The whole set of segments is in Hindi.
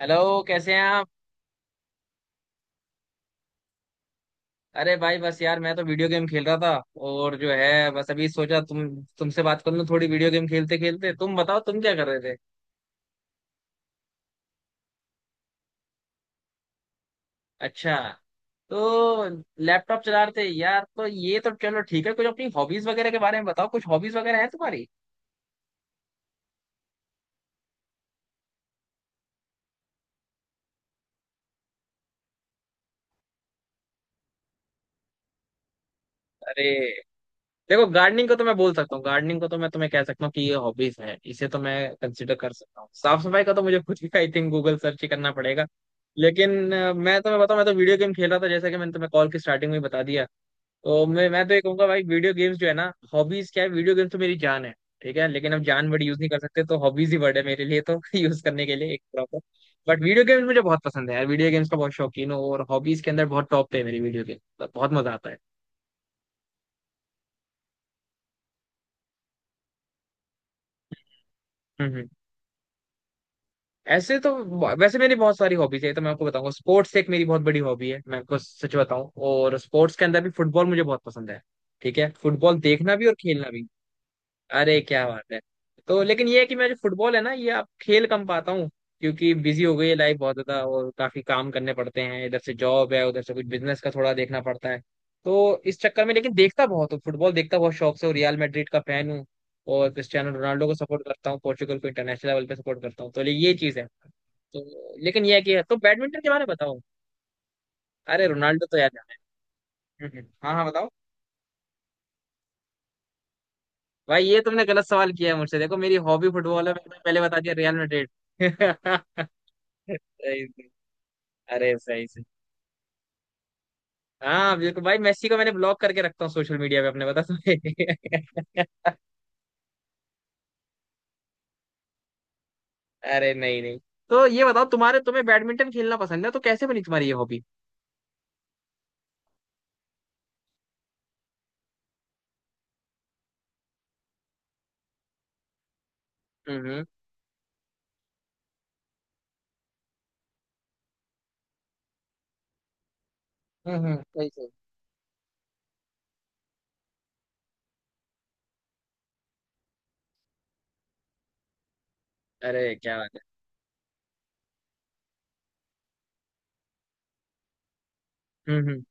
हेलो। कैसे हैं आप? अरे भाई, बस यार मैं तो वीडियो गेम खेल रहा था और जो है बस अभी सोचा तुमसे बात कर लूं थोड़ी वीडियो गेम खेलते खेलते। तुम बताओ तुम क्या कर रहे थे? अच्छा। तो लैपटॉप चला रहे थे यार, तो ये तो चलो ठीक है। कुछ अपनी हॉबीज वगैरह के बारे में बताओ, कुछ हॉबीज वगैरह है तुम्हारी? अरे देखो, गार्डनिंग को तो मैं बोल सकता हूँ, गार्डनिंग को तो मैं तुम्हें कह सकता हूँ कि ये हॉबीज है, इसे तो मैं कंसिडर कर सकता हूँ। साफ सफाई का तो मुझे खुद ही आई थिंक गूगल सर्च ही करना पड़ेगा। लेकिन मैं तुम्हें बताऊं, मैं तो वीडियो गेम खेल रहा था जैसा कि मैंने तुम्हें कॉल की स्टार्टिंग में ही बता दिया। तो मैं तो ये कहूंगा भाई, वीडियो गेम्स जो है ना, हॉबीज क्या है, वीडियो गेम्स तो मेरी जान है। ठीक है, लेकिन अब जान वर्ड यूज नहीं कर सकते तो हॉबीज ही वर्ड है मेरे लिए तो यूज करने के लिए एक प्रॉपर। बट वीडियो गेम्स मुझे बहुत पसंद है यार, वीडियो गेम्स का बहुत शौकीन हूँ और हॉबीज के अंदर बहुत टॉप पे है मेरी वीडियो गेम, बहुत मजा आता है। हम्म हम्म। ऐसे तो वैसे मेरी बहुत सारी हॉबीज है तो मैं आपको बताऊंगा। स्पोर्ट्स एक मेरी बहुत बड़ी हॉबी है मैं आपको सच बताऊं, और स्पोर्ट्स के अंदर भी फुटबॉल मुझे बहुत पसंद है। ठीक है, फुटबॉल देखना भी और खेलना भी। अरे क्या बात है। तो लेकिन ये है कि मैं जो फुटबॉल है ना, ये अब खेल कम पाता हूँ क्योंकि बिजी हो गई है लाइफ बहुत ज्यादा और काफी काम करने पड़ते हैं, इधर से जॉब है उधर से कुछ बिजनेस का थोड़ा देखना पड़ता है। तो इस चक्कर में, लेकिन देखता बहुत हूँ फुटबॉल, देखता बहुत शौक से। और रियल मैड्रिड का फैन हूँ और क्रिस्टियानो रोनाल्डो को सपोर्ट करता हूँ, पोर्चुगल को इंटरनेशनल लेवल पे सपोर्ट करता हूँ, तो ये चीज है। तो लेकिन ये है कि, तो बैडमिंटन के बारे में बताओ। अरे रोनाल्डो तो याद है हमें। हाँ हाँ बताओ। भाई ये तुमने गलत सवाल किया है मुझसे, देखो मेरी हॉबी फुटबॉल है, मैंने पहले बता दिया, रियल मैड्रिड। सही से, अरे सही से। हाँ बिल्कुल भाई, मेसी को मैंने ब्लॉक करके रखता हूँ सोशल मीडिया पे अपने, बता तुम्हें। अरे नहीं नहीं। तो ये बताओ तुम्हारे, तुम्हें बैडमिंटन खेलना पसंद है तो कैसे बनी तुम्हारी ये हॉबी? हम्म। सही सही। अरे क्या बात है। हम्म।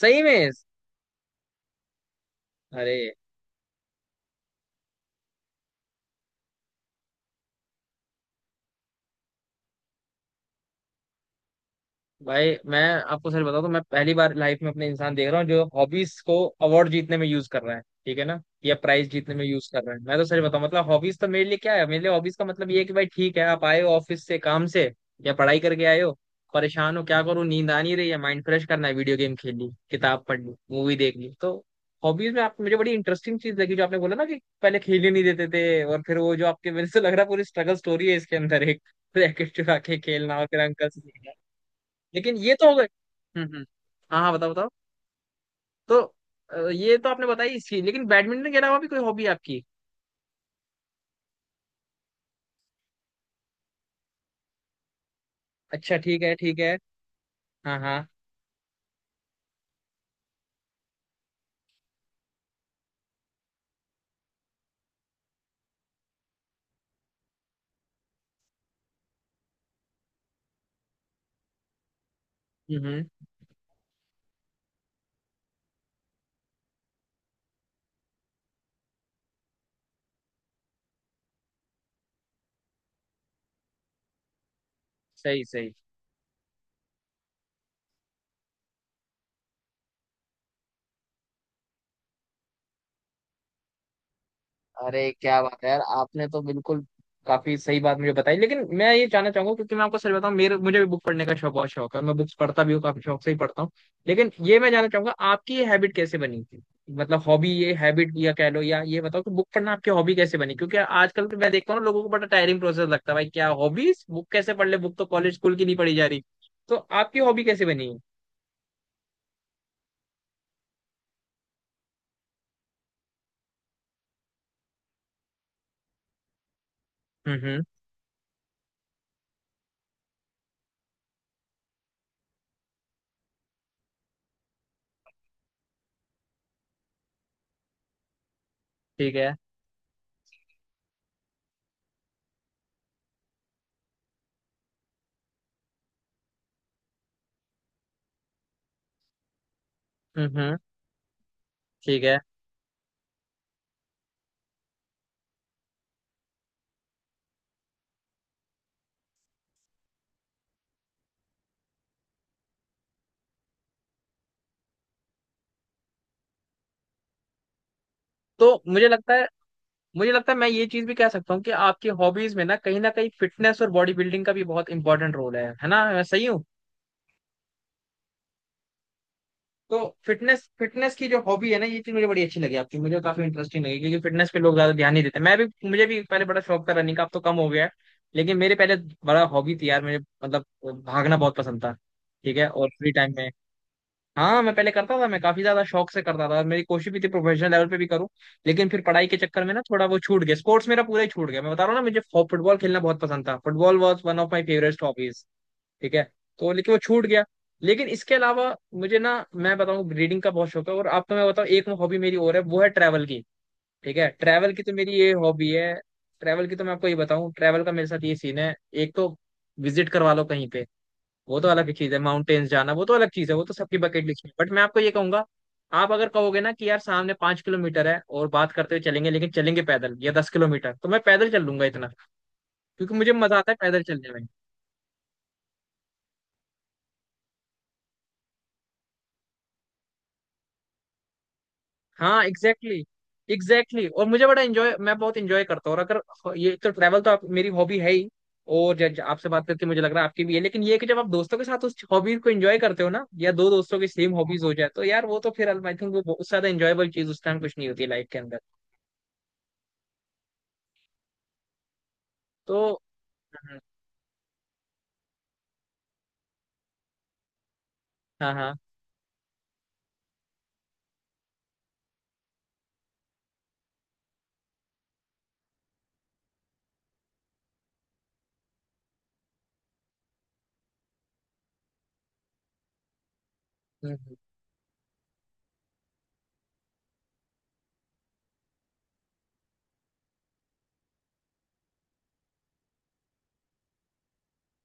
सही में? अरे भाई, मैं आपको सच बताऊं तो मैं पहली बार लाइफ में अपने इंसान देख रहा हूँ जो हॉबीज को अवार्ड जीतने में यूज कर रहा है, ठीक है ना, या प्राइज जीतने में यूज कर रहा है। मैं तो सच बताऊं, मतलब हॉबीज तो मेरे लिए क्या है, मेरे लिए हॉबीज का मतलब ये है कि भाई ठीक है, आप आए हो ऑफिस से, काम से या पढ़ाई करके आए हो, परेशान हो, क्या करूँ नींद आ नहीं रही है, माइंड फ्रेश करना है, वीडियो गेम खेल ली, किताब पढ़ ली, मूवी देख ली। तो हॉबीज में आप मुझे बड़ी इंटरेस्टिंग चीज लगी जो आपने बोला ना कि पहले खेलने नहीं देते थे, और फिर वो जो आपके मेरे से लग रहा है पूरी स्ट्रगल स्टोरी है इसके अंदर एक रैकेट चुरा के खेलना और फिर अंकल से। लेकिन ये तो हो गए। हम्म। हाँ हाँ बताओ बताओ। तो ये तो आपने बताई इसकी, लेकिन बैडमिंटन के अलावा भी कोई हॉबी आपकी? अच्छा ठीक है ठीक है। हाँ हाँ। हम्म। सही सही। अरे क्या बात है यार, आपने तो बिल्कुल काफी सही बात मुझे बताई। लेकिन मैं ये जानना चाहूंगा, क्योंकि मैं आपको सच बताऊं मेरे मुझे भी बुक पढ़ने का शौक बहुत शौक है, मैं बुक्स पढ़ता भी हूँ काफी शौक से ही पढ़ता हूँ। लेकिन ये मैं जानना चाहूंगा आपकी ये हैबिट कैसे बनी थी, मतलब हॉबी ये हैबिट या कह लो, या ये बताओ कि बुक पढ़ना आपकी हॉबी कैसे बनी? क्योंकि आजकल तो मैं देखता हूँ ना, लोगों को बड़ा टायरिंग प्रोसेस लगता है भाई, क्या हॉबीज, बुक कैसे पढ़ ले, बुक तो कॉलेज स्कूल की नहीं पढ़ी जा रही। तो आपकी हॉबी कैसे बनी? हम्म। ठीक है। हम्म। ठीक है। तो मुझे लगता है मैं ये चीज भी कह सकता हूँ कि आपकी हॉबीज में ना कहीं फिटनेस और बॉडी बिल्डिंग का भी बहुत इंपॉर्टेंट रोल है। है ना, मैं सही हूँ? तो फिटनेस, फिटनेस की जो हॉबी है ना, ये चीज मुझे बड़ी अच्छी लगी आपकी, मुझे काफी इंटरेस्टिंग लगी क्योंकि फिटनेस पे लोग ज्यादा ध्यान नहीं देते। मैं भी, मुझे भी पहले बड़ा शौक था रनिंग का, अब तो कम हो गया है। लेकिन मेरे पहले बड़ा हॉबी थी यार मुझे, मतलब भागना बहुत पसंद था। ठीक है, और फ्री टाइम में हाँ मैं पहले करता था, मैं काफी ज्यादा शौक से करता था, मेरी कोशिश भी थी प्रोफेशनल लेवल पे भी करूँ, लेकिन फिर पढ़ाई के चक्कर में ना थोड़ा वो छूट गया, स्पोर्ट्स मेरा पूरा ही छूट गया। मैं बता रहा हूँ ना, मुझे फुटबॉल खेलना बहुत पसंद था, football was one of my favourite hobbies. ठीक है, तो लेकिन वो छूट गया। लेकिन इसके अलावा मुझे ना, मैं बताऊँ, रीडिंग का बहुत शौक है। और आपको मैं बताऊँ एक हॉबी मेरी और है, वो है ट्रैवल की। ठीक है, ट्रैवल की तो मेरी ये हॉबी है। ट्रैवल की तो मैं आपको ये बताऊँ, ट्रैवल का मेरे साथ ये सीन है, एक तो विजिट करवा लो कहीं पे, वो तो अलग चीज है। माउंटेन्स जाना वो तो अलग चीज है, वो तो सबकी बकेट लिस्ट में। बट मैं आपको ये कहूंगा, आप अगर कहोगे ना कि यार सामने 5 किलोमीटर है और बात करते हुए चलेंगे लेकिन चलेंगे पैदल, या 10 किलोमीटर, तो मैं पैदल चल लूंगा इतना, क्योंकि मुझे मजा आता है पैदल चलने में। हाँ एग्जैक्टली, एग्जैक्टली exactly। और मुझे बड़ा इंजॉय, मैं बहुत इंजॉय करता हूँ, और अगर ये तो ट्रैवल तो आप मेरी हॉबी है ही, और जब आपसे बात करके मुझे लग रहा है आपकी भी है। लेकिन ये है कि जब आप दोस्तों के साथ उस हॉबीज को एंजॉय करते हो ना, या दो दोस्तों की सेम हॉबीज हो जाए, तो यार वो तो फिर आई थिंक वो बहुत ज्यादा एंजॉयबल चीज उस टाइम कुछ नहीं होती लाइफ के अंदर। तो हम्म, हाँ हाँ। हम्म, हम्म।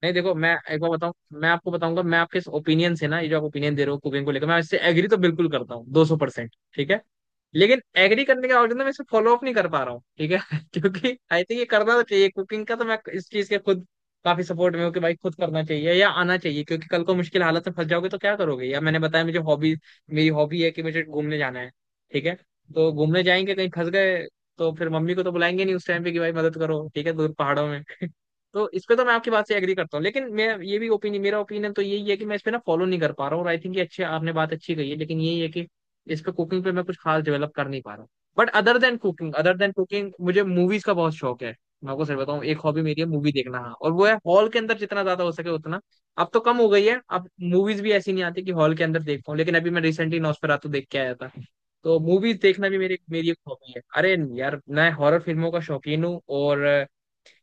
नहीं देखो मैं एक बार बताऊं, मैं आपको बताऊंगा मैं आपके इस ओपिनियन से ना, ये जो आप ओपिनियन दे रहे हो कुकिंग को लेकर, मैं इससे एग्री तो बिल्कुल करता हूँ 200%, ठीक है। लेकिन एग्री करने के बावजूद ना मैं इसे फॉलो अप नहीं कर पा रहा हूँ, ठीक है क्योंकि आई थिंक ये करना तो चाहिए कुकिंग का, तो मैं इस चीज के खुद काफी सपोर्ट में हूँ कि भाई खुद करना चाहिए या आना चाहिए, क्योंकि कल को मुश्किल हालत में फंस जाओगे तो क्या करोगे? या मैंने बताया मुझे हॉबी, मेरी हॉबी है कि मुझे घूमने जाना है, ठीक है, तो घूमने जाएंगे कहीं फंस गए, तो फिर मम्मी को तो बुलाएंगे नहीं उस टाइम पे कि भाई मदद करो, ठीक है, दूर पहाड़ों में। तो इस पे तो मैं आपकी बात से एग्री करता हूँ, लेकिन मैं ये भी ओपिनियन, मेरा ओपिनियन तो यही है कि मैं इस पे ना फॉलो नहीं कर पा रहा हूँ, और आई थिंक ये अच्छी आपने बात अच्छी कही है, लेकिन यही है कि इस पे कुकिंग पे मैं कुछ खास डेवलप कर नहीं पा रहा। But other than cooking, other than cooking, मुझे मूवीज का बहुत शौक है। मैं आपको सर बताऊँ एक हॉबी मेरी है मूवी देखना, हाँ, और वो है हॉल के अंदर जितना ज्यादा हो सके उतना। अब तो कम हो गई है, अब मूवीज भी ऐसी नहीं आती कि हॉल के अंदर देख पाऊँ, लेकिन अभी मैं रिसेंटली नॉस्फेरातु देख के आया था। तो मूवीज देखना भी मेरी मेरी एक हॉबी है। अरे यार, मैं हॉरर फिल्मों का शौकीन हूँ, और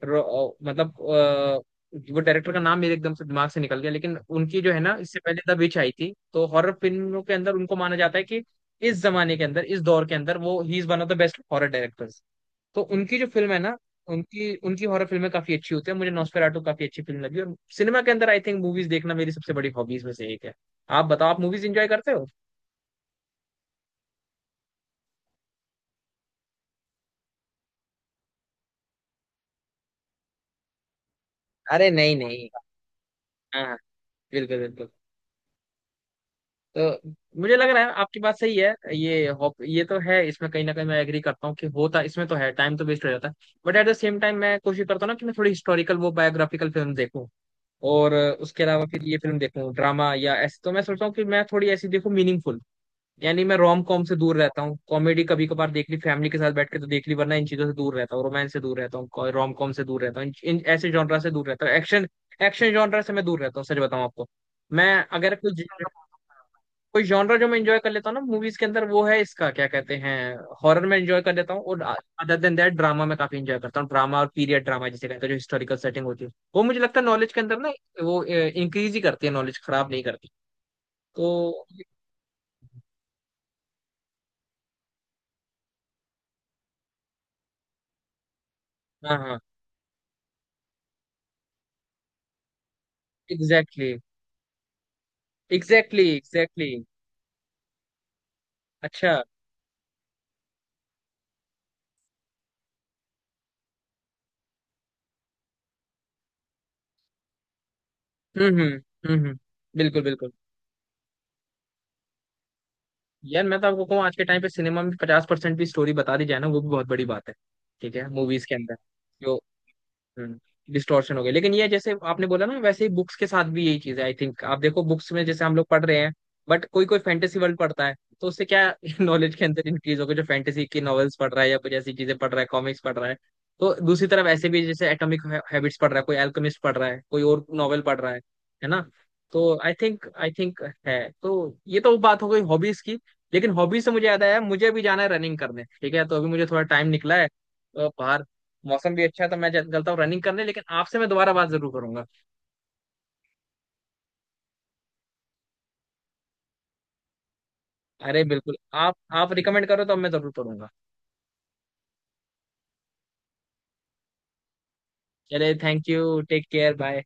मतलब वो डायरेक्टर का नाम मेरे एकदम से दिमाग से निकल गया, लेकिन उनकी जो है ना इससे पहले द विच आई थी, तो हॉरर फिल्मों के अंदर उनको माना जाता है कि इस जमाने के अंदर, इस दौर के अंदर, वो ही is one of the best horror directors. तो उनकी जो फिल्म है ना, उनकी उनकी हॉरर फिल्में काफी अच्छी होती है, मुझे नॉस्फेराटू काफी अच्छी फिल्म लगी। और सिनेमा के अंदर आई थिंक मूवीज देखना मेरी सबसे बड़ी हॉबीज में से एक है। आप बताओ, आप मूवीज एंजॉय करते हो? अरे नहीं नहीं। हाँ बिल्कुल बिल्कुल। तो मुझे लग रहा है आपकी बात सही है, ये तो है, इसमें कहीं ना कहीं मैं एग्री करता हूँ कि होता इसमें तो है, टाइम तो वेस्ट हो जाता है। But at the same time मैं कोशिश करता हूँ ना कि मैं थोड़ी हिस्टोरिकल वो बायोग्राफिकल फिल्म देखूँ, और उसके अलावा फिर ये फिल्म देखूँ ड्रामा, या ऐसे तो मैं सोचता हूँ कि मैं थोड़ी ऐसी देखूँ मीनिंगफुल। यानी मैं रोम कॉम से दूर रहता हूँ, कॉमेडी कभी कभार देख ली फैमिली के साथ बैठ के तो देख ली, वरना इन चीजों से दूर रहता हूँ, रोमांस से दूर रहता हूँ, रोम कॉम से दूर रहता हूँ, इन ऐसे जॉनरा से दूर रहता हूँ। एक्शन, एक्शन जॉनरा से मैं दूर रहता हूँ, सच बताऊँ आपको। मैं अगर कुछ, कोई जॉनरा जो मैं एंजॉय कर लेता हूँ ना मूवीज के अंदर, वो है इसका क्या कहते हैं, हॉरर में एंजॉय कर लेता हूँ, और अदर देन दैट ड्रामा में काफी एंजॉय करता हूँ। ड्रामा और पीरियड ड्रामा जिसे कहते हैं, जो हिस्टोरिकल सेटिंग होती है, वो मुझे लगता है नॉलेज के अंदर ना वो इंक्रीज ही करती है, नॉलेज खराब नहीं करती। तो हाँ हाँ एग्जैक्टली एग्जैक्टली एग्जैक्टली। अच्छा, हम्म, हम्म। बिल्कुल बिल्कुल। यार मैं तो आपको कहूँ आज के टाइम पे सिनेमा में 50% भी स्टोरी बता दी जाए ना, वो भी बहुत बड़ी बात है। ठीक है, मूवीज के अंदर जो डिस्टॉर्शन हो गया, लेकिन ये जैसे आपने बोला ना, वैसे ही बुक्स के साथ भी यही चीज है आई थिंक। आप देखो बुक्स में जैसे हम लोग पढ़ रहे हैं, बट कोई कोई फैंटेसी वर्ल्ड पढ़ता है, तो उससे क्या नॉलेज के अंदर इंक्रीज होगा जो फैंटेसी की नॉवेल्स पढ़ रहा है या कुछ ऐसी चीजें पढ़ रहा है, कॉमिक्स पढ़ रहा है। तो दूसरी तरफ ऐसे भी जैसे एटॉमिक हैबिट्स पढ़ रहा है कोई, एल्केमिस्ट पढ़ रहा है कोई, और नॉवेल पढ़ रहा है। है ना? तो आई थिंक, आई थिंक है तो, ये तो बात हो गई हॉबीज की। लेकिन हॉबीज से मुझे याद आया, मुझे अभी जाना है रनिंग करने, ठीक है, तो अभी मुझे थोड़ा टाइम निकला है, तो बाहर मौसम भी अच्छा है तो मैं चलता हूँ रनिंग करने। लेकिन आपसे मैं दोबारा बात जरूर करूंगा। अरे बिल्कुल। आप रिकमेंड करो तो मैं जरूर करूंगा। चले thank you take care bye.